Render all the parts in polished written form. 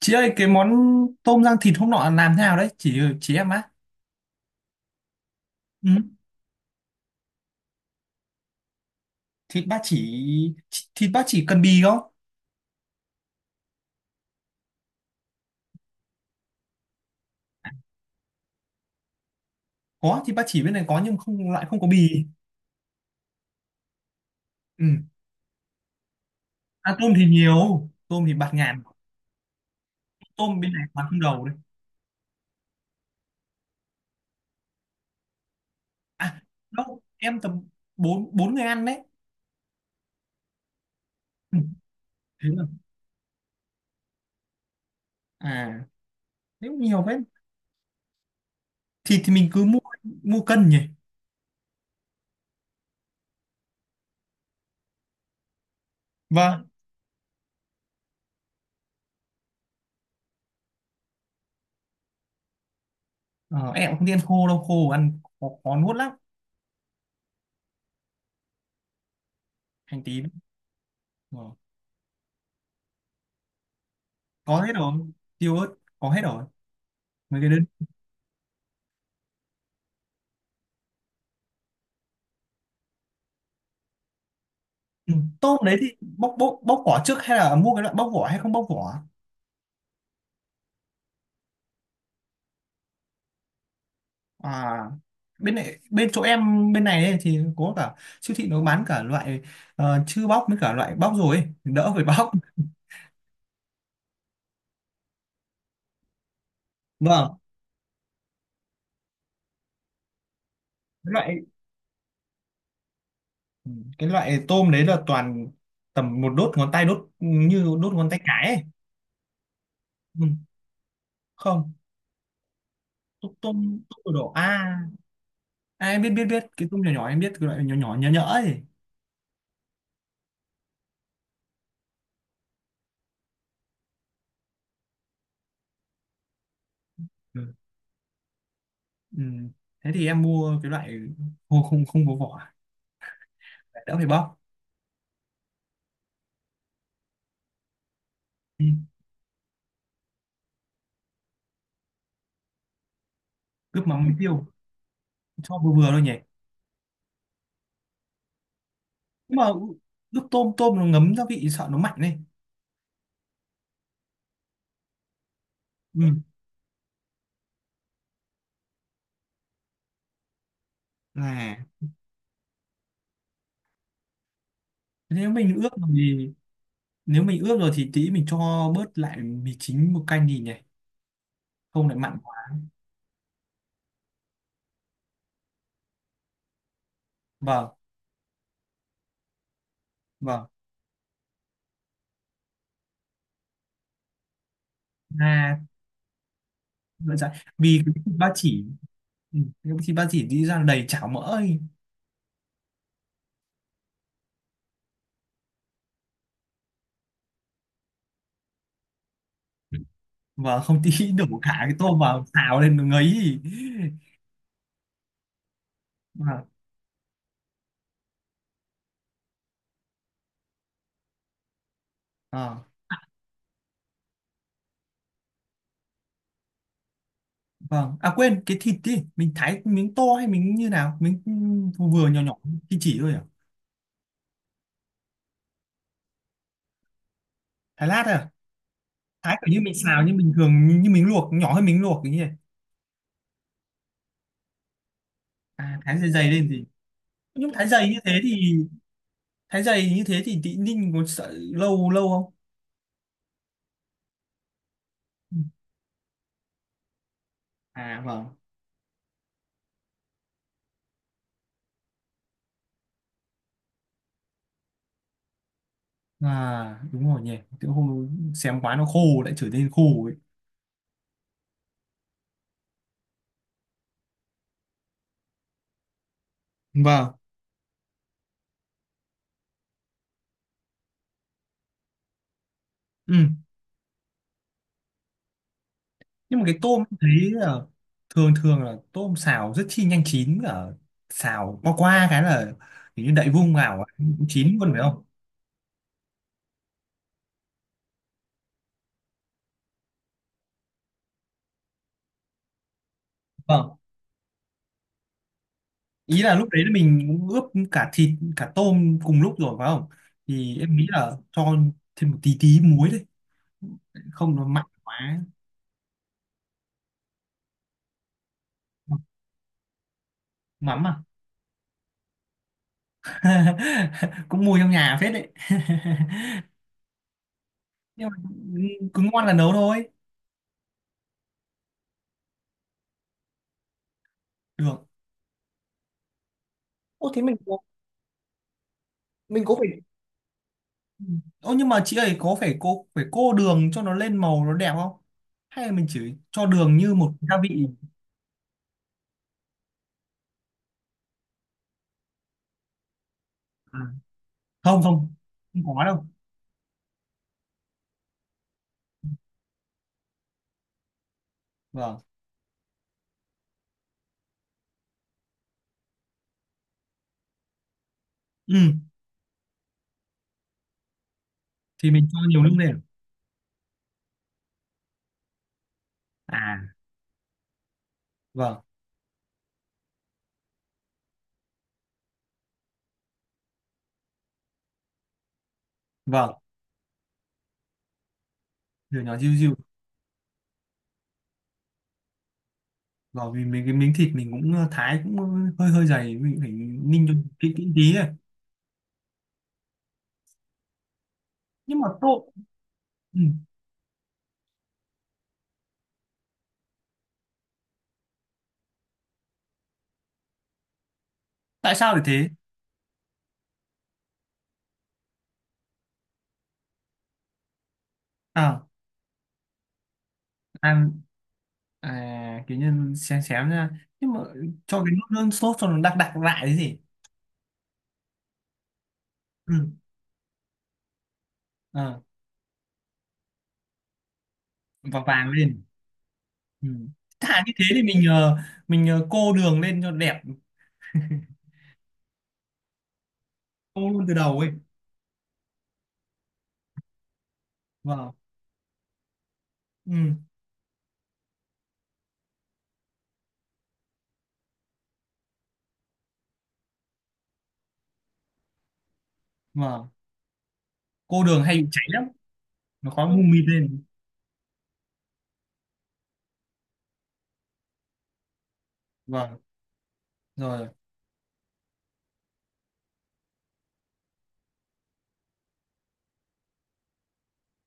Chị ơi cái món tôm rang thịt hôm nọ làm thế nào đấy Chị em á. Ừ. Thịt ba chỉ. Thịt ba chỉ cần bì không? Có thịt ba chỉ bên này có, nhưng không, lại không có bì. Ừ. À, tôm thì nhiều, tôm thì bạt ngàn. Tôm bên này toàn không đầu đấy. À đâu, em tầm bốn bốn người ăn đấy. Ừ. Thế là à, nếu nhiều thế thịt thì mình cứ mua, mua cân nhỉ? Vâng. Ờ, em cũng không đi ăn khô đâu, khô ăn khó, khó nuốt lắm. Hành tím. Ờ, có hết rồi, tiêu ớt có hết rồi, mấy cái đơn. Ừ, tôm đấy thì bóc bóc bóc vỏ trước hay là mua cái loại bóc vỏ hay không bóc vỏ? À bên này, bên chỗ em bên này ấy, thì có cả siêu thị nó bán cả loại chưa bóc với cả loại bóc rồi ấy, đỡ phải bóc. Vâng. Cái loại ừ, cái loại tôm đấy là toàn tầm một đốt ngón tay, đốt như đốt ngón tay cái ấy. Ừ, không. Tôm tôm Tôm đỏ a. À, em biết biết biết cái tôm nhỏ nhỏ, em biết cái loại nhỏ nhỏ nhỡ nhỡ ấy. Ừ. Ừ. Thế thì em mua cái loại không không không có vỏ, đỡ phải bóc. Ừ. Ướp mắm với tiêu cho vừa vừa thôi nhỉ? Nhưng mà ướp tôm, nó ngấm gia vị sợ nó mạnh đấy. Ừ. Là nếu mình ướp rồi thì tí mình cho bớt lại mì chính một canh đi nhỉ? Không lại mặn quá. Vâng. Vâng. À vậy, dạ. Vì cái thịt ba chỉ. Ừ, cái thịt ba chỉ đi ra đầy chảo mỡ ấy. Và không, tí đổ cả cái tôm vào xào lên nó ngấy. Vâng. Ờ. Vâng. À quên, cái thịt đi, mình thái miếng to hay miếng như nào? Miếng vừa vừa nhỏ nhỏ, chỉ thôi à? Thái lát à? Thái kiểu như mình xào nhưng bình thường như, như mình luộc, nhỏ hơn mình luộc cái như này. À thái dày dày lên gì? Nhưng thái dày như thế thì tí ninh có sợ lâu lâu không? À vâng. À đúng rồi nhỉ. Tự hôm xem quá nó khô, lại trở nên khô ấy. Vâng. Ừ. Nhưng mà cái tôm em thấy là thường thường là tôm xào rất chi nhanh chín, ở xào qua qua cái là kiểu như đậy vung vào cũng chín luôn phải không? Vâng. Ý là lúc đấy là mình cũng ướp cả thịt cả tôm cùng lúc rồi phải không, thì em nghĩ là cho thêm một tí tí muối đấy, không nó mặn quá. Mắm à? Cũng mua trong nhà phết đấy. Nhưng mà cứ ngon là nấu thôi. Được. Ô thế mình có, phải. Ừ. Ô nhưng mà chị ấy có phải cô, phải cô đường cho nó lên màu nó đẹp không? Hay là mình chỉ cho đường như một gia vị? À, không không, không có đâu. Vâng. Ừ, thì mình cho nhiều nước lên. À, vâng, vâng, nhỏ nhỏ diu diu. Vâng, vì mình cái miếng thịt mình cũng thái cũng hơi hơi dày, mình phải ninh cho kỹ kỹ tí này. Nhưng mà tô ừ. Tại sao lại thế? À, ăn kiểu như xém xém ra. Nhưng mà cho cái nước, nước sốt cho nó đặc đặc lại cái gì? Ừ. À. Và vàng lên. Ừ. Thà như thế thì mình mình cô đường lên cho đẹp, cô luôn từ đầu ấy. Vâng. Ừ. Vâng. Cô đường hay bị cháy lắm, nó khói mù mịt lên. Vâng. Rồi.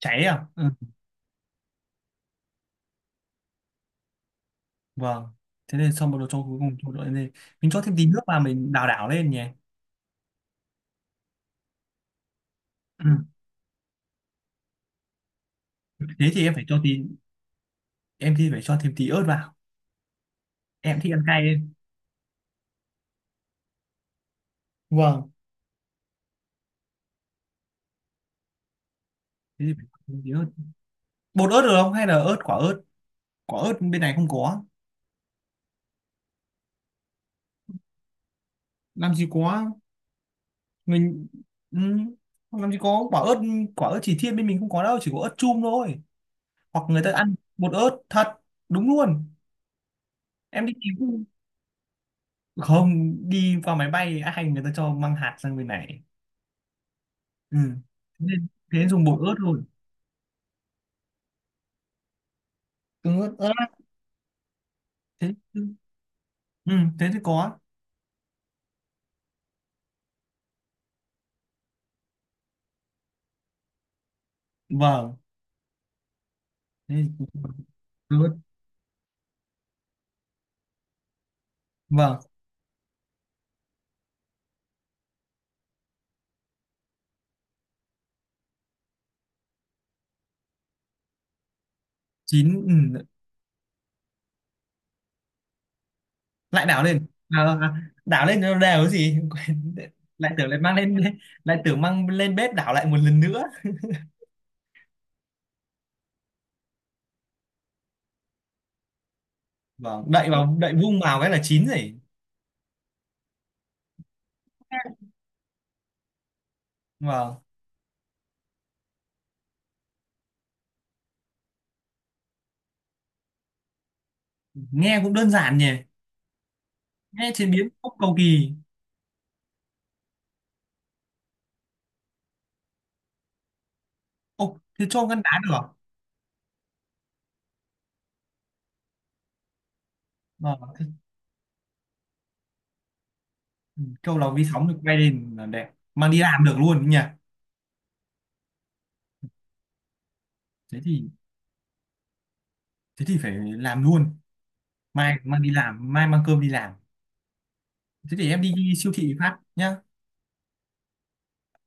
Cháy à? Ừ. Vâng. Thế nên xong bắt đầu cho cuối cùng cho đội lên, mình cho thêm tí nước vào, mình đảo đảo lên nhỉ? Ừ. Thế thì em phải cho tí. Em thì phải cho thêm tí ớt vào, em thích ăn cay lên. Vâng. Thế thì phải cho thêm tí ớt, bột ớt được không hay là ớt quả, ớt quả ớt bên này không có, làm gì có. Mình ừ, làm gì có quả ớt, quả ớt chỉ thiên bên mình không có đâu, chỉ có ớt chum thôi, hoặc người ta ăn bột ớt thật. Đúng luôn. Em đi tìm, không. Đi qua máy bay ai người ta cho mang hạt sang bên này. Ừ. Thế nên, dùng bột ớt luôn. Tương ớt, thế. Ừ, thế thì có. Vâng. Thế thì tương ớt. Vâng. Chín. Ừ. Lại đảo lên. Đảo lên cho nó đều cái gì quên. Lại tưởng lại mang lên, lại tưởng mang lên bếp đảo lại một lần nữa. Vâng, đậy vào, đậy vung vào cái là chín rồi. Vâng. Nghe cũng đơn giản nhỉ, nghe chế biến không cầu kỳ. Ô thế cho con đá được à? Vâng. Câu là vi sóng được quay lên là đẹp, mang đi làm được luôn nhỉ? Thế thì phải làm luôn, mai mang đi làm, mai mang cơm đi làm. Thế thì em đi siêu thị phát nhá.